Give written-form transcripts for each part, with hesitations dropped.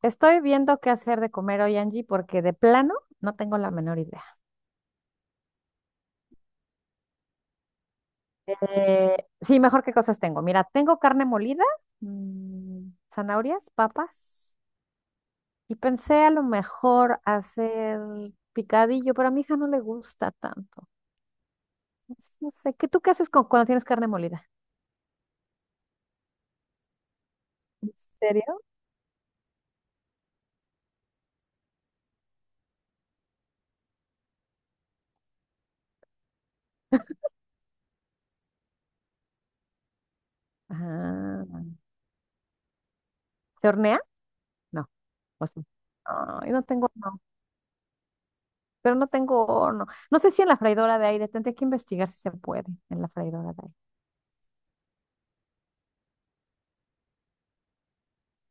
Estoy viendo qué hacer de comer hoy, Angie, porque de plano no tengo la menor idea. Sí, mejor qué cosas tengo. Mira, tengo carne molida, mm, zanahorias, papas, y pensé a lo mejor hacer picadillo, pero a mi hija no le gusta tanto. Entonces, no sé, ¿qué tú qué haces cuando tienes carne molida? ¿En serio? Ah, ¿se hornea? No. ¿O sí? Ay, no tengo horno, pero no tengo horno. No sé si en la freidora de aire, tendría que investigar si se puede en la freidora de aire.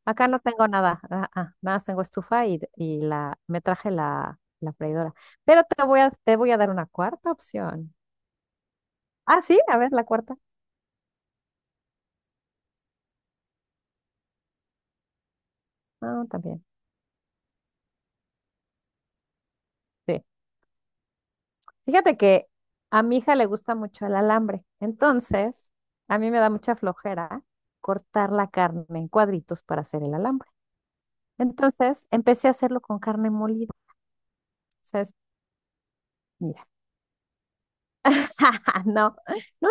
Acá no tengo nada, nada más tengo estufa y me traje la freidora. Pero te voy a dar una cuarta opción. Ah, sí, a ver, la cuarta. Ah, también. Sí. Fíjate que a mi hija le gusta mucho el alambre. Entonces, a mí me da mucha flojera cortar la carne en cuadritos para hacer el alambre. Entonces, empecé a hacerlo con carne molida. O sea, mira. No, no, no,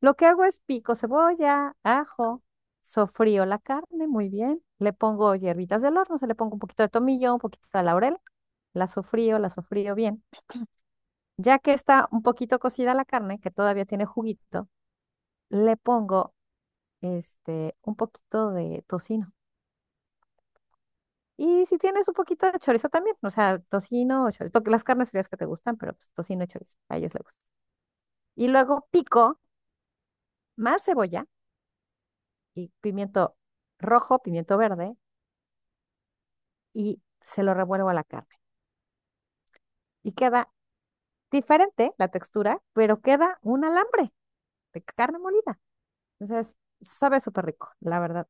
lo que hago es pico cebolla, ajo, sofrío la carne, muy bien. Le pongo hierbitas del horno, se le pongo un poquito de tomillo, un poquito de laurel. La sofrío bien. Ya que está un poquito cocida la carne, que todavía tiene juguito, le pongo un poquito de tocino. Y si tienes un poquito de chorizo también, o sea, tocino o chorizo, porque las carnes frías que te gustan, pero pues, tocino y chorizo, a ellos les gusta. Y luego pico más cebolla y pimiento rojo, pimiento verde y se lo revuelvo a la carne. Y queda diferente la textura, pero queda un alambre de carne molida. Entonces, sabe súper rico, la verdad.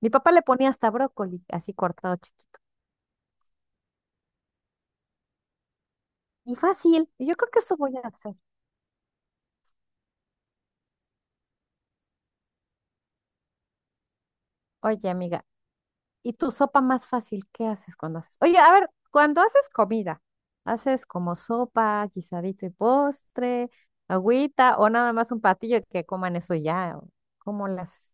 Mi papá le ponía hasta brócoli, así cortado chiquito. Y fácil, y yo creo que eso voy a hacer. Oye, amiga, ¿y tu sopa más fácil qué haces cuando haces? Oye, a ver, cuando haces comida, ¿haces como sopa, guisadito y postre, agüita o nada más un platillo que coman eso y ya? ¿O ¿Cómo lo haces?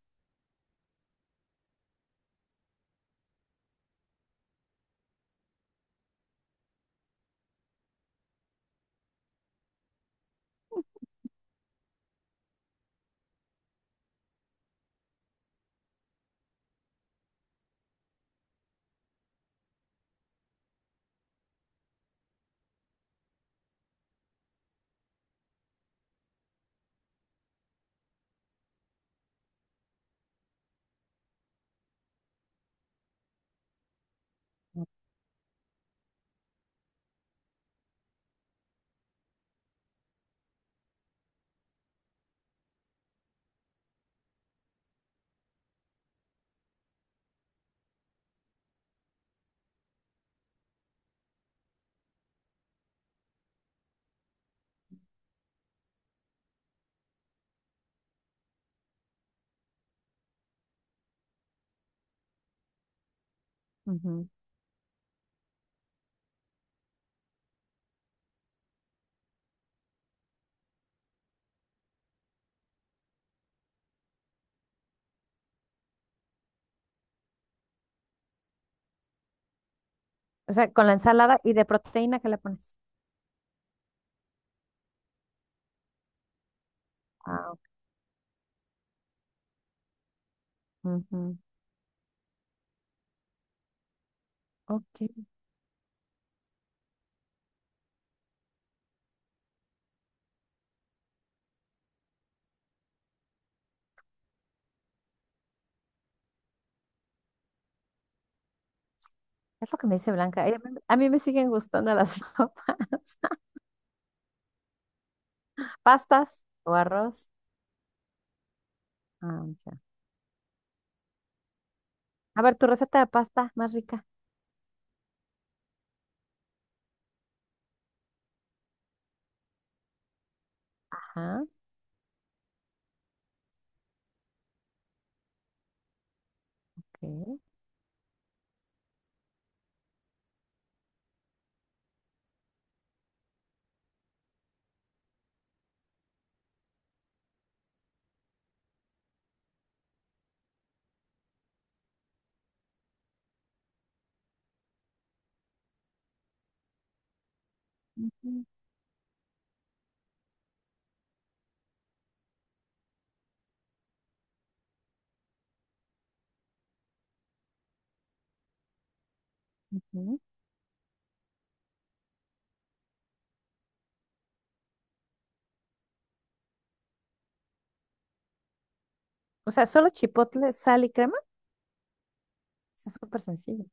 Ujú. O sea, con la ensalada, ¿y de proteína que le pones? Ah, ujú, ok. Es lo que me dice Blanca. A mí me siguen gustando las sopas. ¿Pastas o arroz? Ah, ya. A ver, tu receta de pasta más rica. Ajá. Ok. Ujú, ujú. O sea, solo chipotle, sal y crema. Está súper sencillo.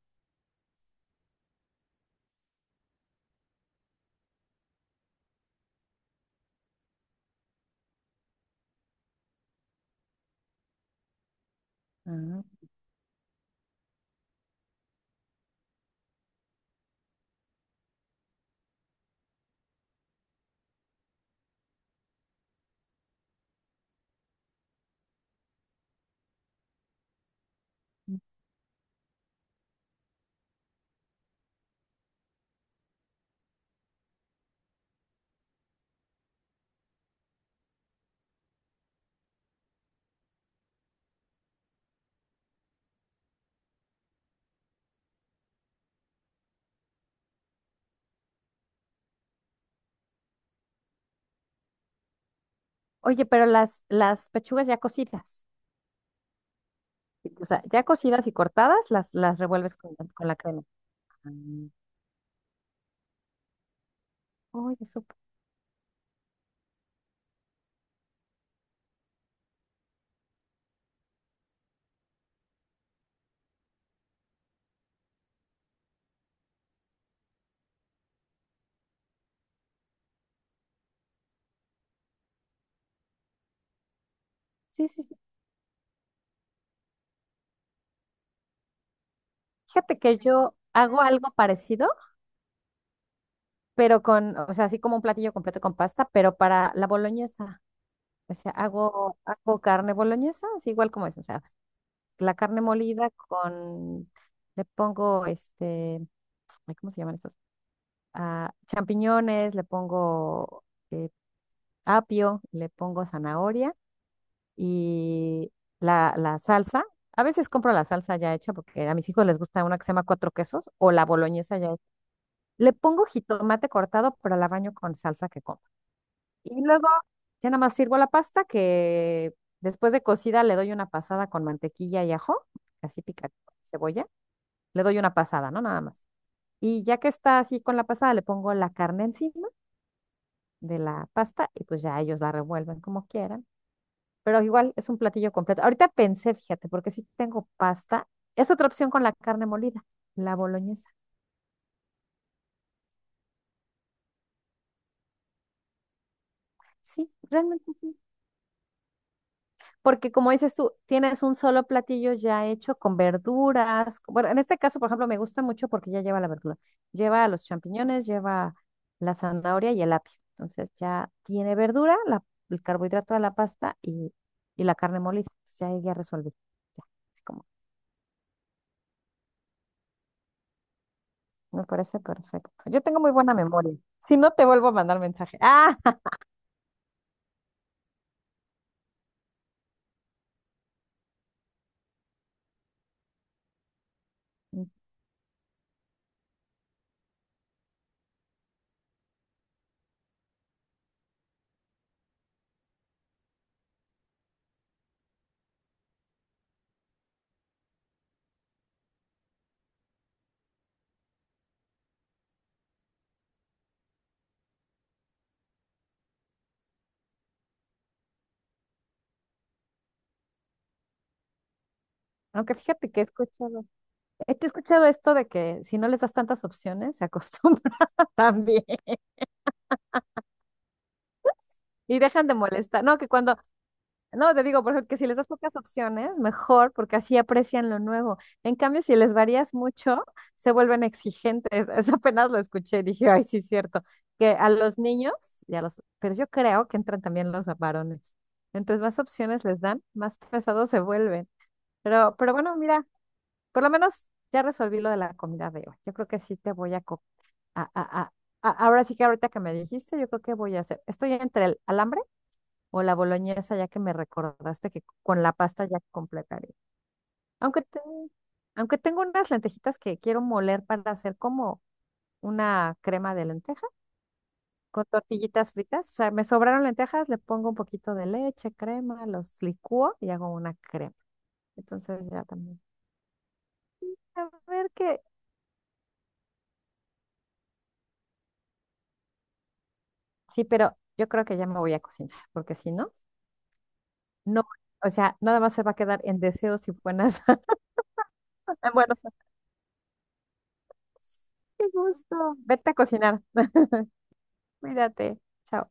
Ah. Oye, pero las pechugas ya cocidas. O sea, ya cocidas y cortadas, las revuelves la con la crema. Ah, oye, súper. Sí, sí, sí. Fíjate que yo hago algo parecido, pero con, o sea, así como un platillo completo con pasta, pero para la boloñesa. O sea, hago carne boloñesa, así igual como es, o sea, la carne molida con, le pongo ay, ¿cómo se llaman estos? Ah, champiñones, le pongo eh, apio, le pongo zanahoria y la salsa. A veces compro la salsa ya hecha porque a mis hijos les gusta una que se llama cuatro quesos o la boloñesa ya hecha. Le pongo jitomate cortado, pero la baño con salsa que compro. Y luego ya nada más sirvo la pasta que después de cocida le doy una pasada con mantequilla y ajo, así picante, cebolla. Le doy una pasada, ¿no? Nada más. Y ya que está así con la pasada, le pongo la carne encima de la pasta y pues ya ellos la revuelven como quieran. Pero igual es un platillo completo. Ahorita pensé, fíjate, porque si tengo pasta, es otra opción con la carne molida, la boloñesa. Sí, realmente. Porque como dices tú, tienes un solo platillo ya hecho con verduras. Bueno, en este caso, por ejemplo, me gusta mucho porque ya lleva la verdura. Lleva los champiñones, lleva la zanahoria y el apio. Entonces ya tiene verdura, el carbohidrato de la pasta, y la carne molida. Entonces, ya ahí ya resolví. Ya, así como, me parece perfecto. Yo tengo muy buena memoria. Si no, te vuelvo a mandar mensaje. Ah, mm, aunque fíjate que he escuchado esto de que si no les das tantas opciones, se acostumbran también. Y dejan de molestar. No, te digo, por ejemplo, que si les das pocas opciones, mejor, porque así aprecian lo nuevo. En cambio, si les varías mucho, se vuelven exigentes. Eso apenas lo escuché, dije, ay, sí, es cierto. Que a los niños, pero yo creo que entran también los varones. Entonces, más opciones les dan, más pesados se vuelven. Pero bueno, mira, por lo menos ya resolví lo de la comida de hoy. Yo creo que sí te voy a, co- a, a, a- a- ahora sí que ahorita que me dijiste, yo creo que voy a hacer. Estoy entre el alambre o la boloñesa, ya que me recordaste que con la pasta ya completaría. Aunque, te- aunque tengo unas lentejitas que quiero moler para hacer como una crema de lenteja con tortillitas fritas. O sea, me sobraron lentejas, le pongo un poquito de leche, crema, los licúo y hago una crema. Entonces ya también. A ver qué. Sí, pero yo creo que ya me voy a cocinar, porque si no, no. O sea, nada más se va a quedar en deseos y buenas. en buenos. Qué gusto. Vete a cocinar. Cuídate. Chao.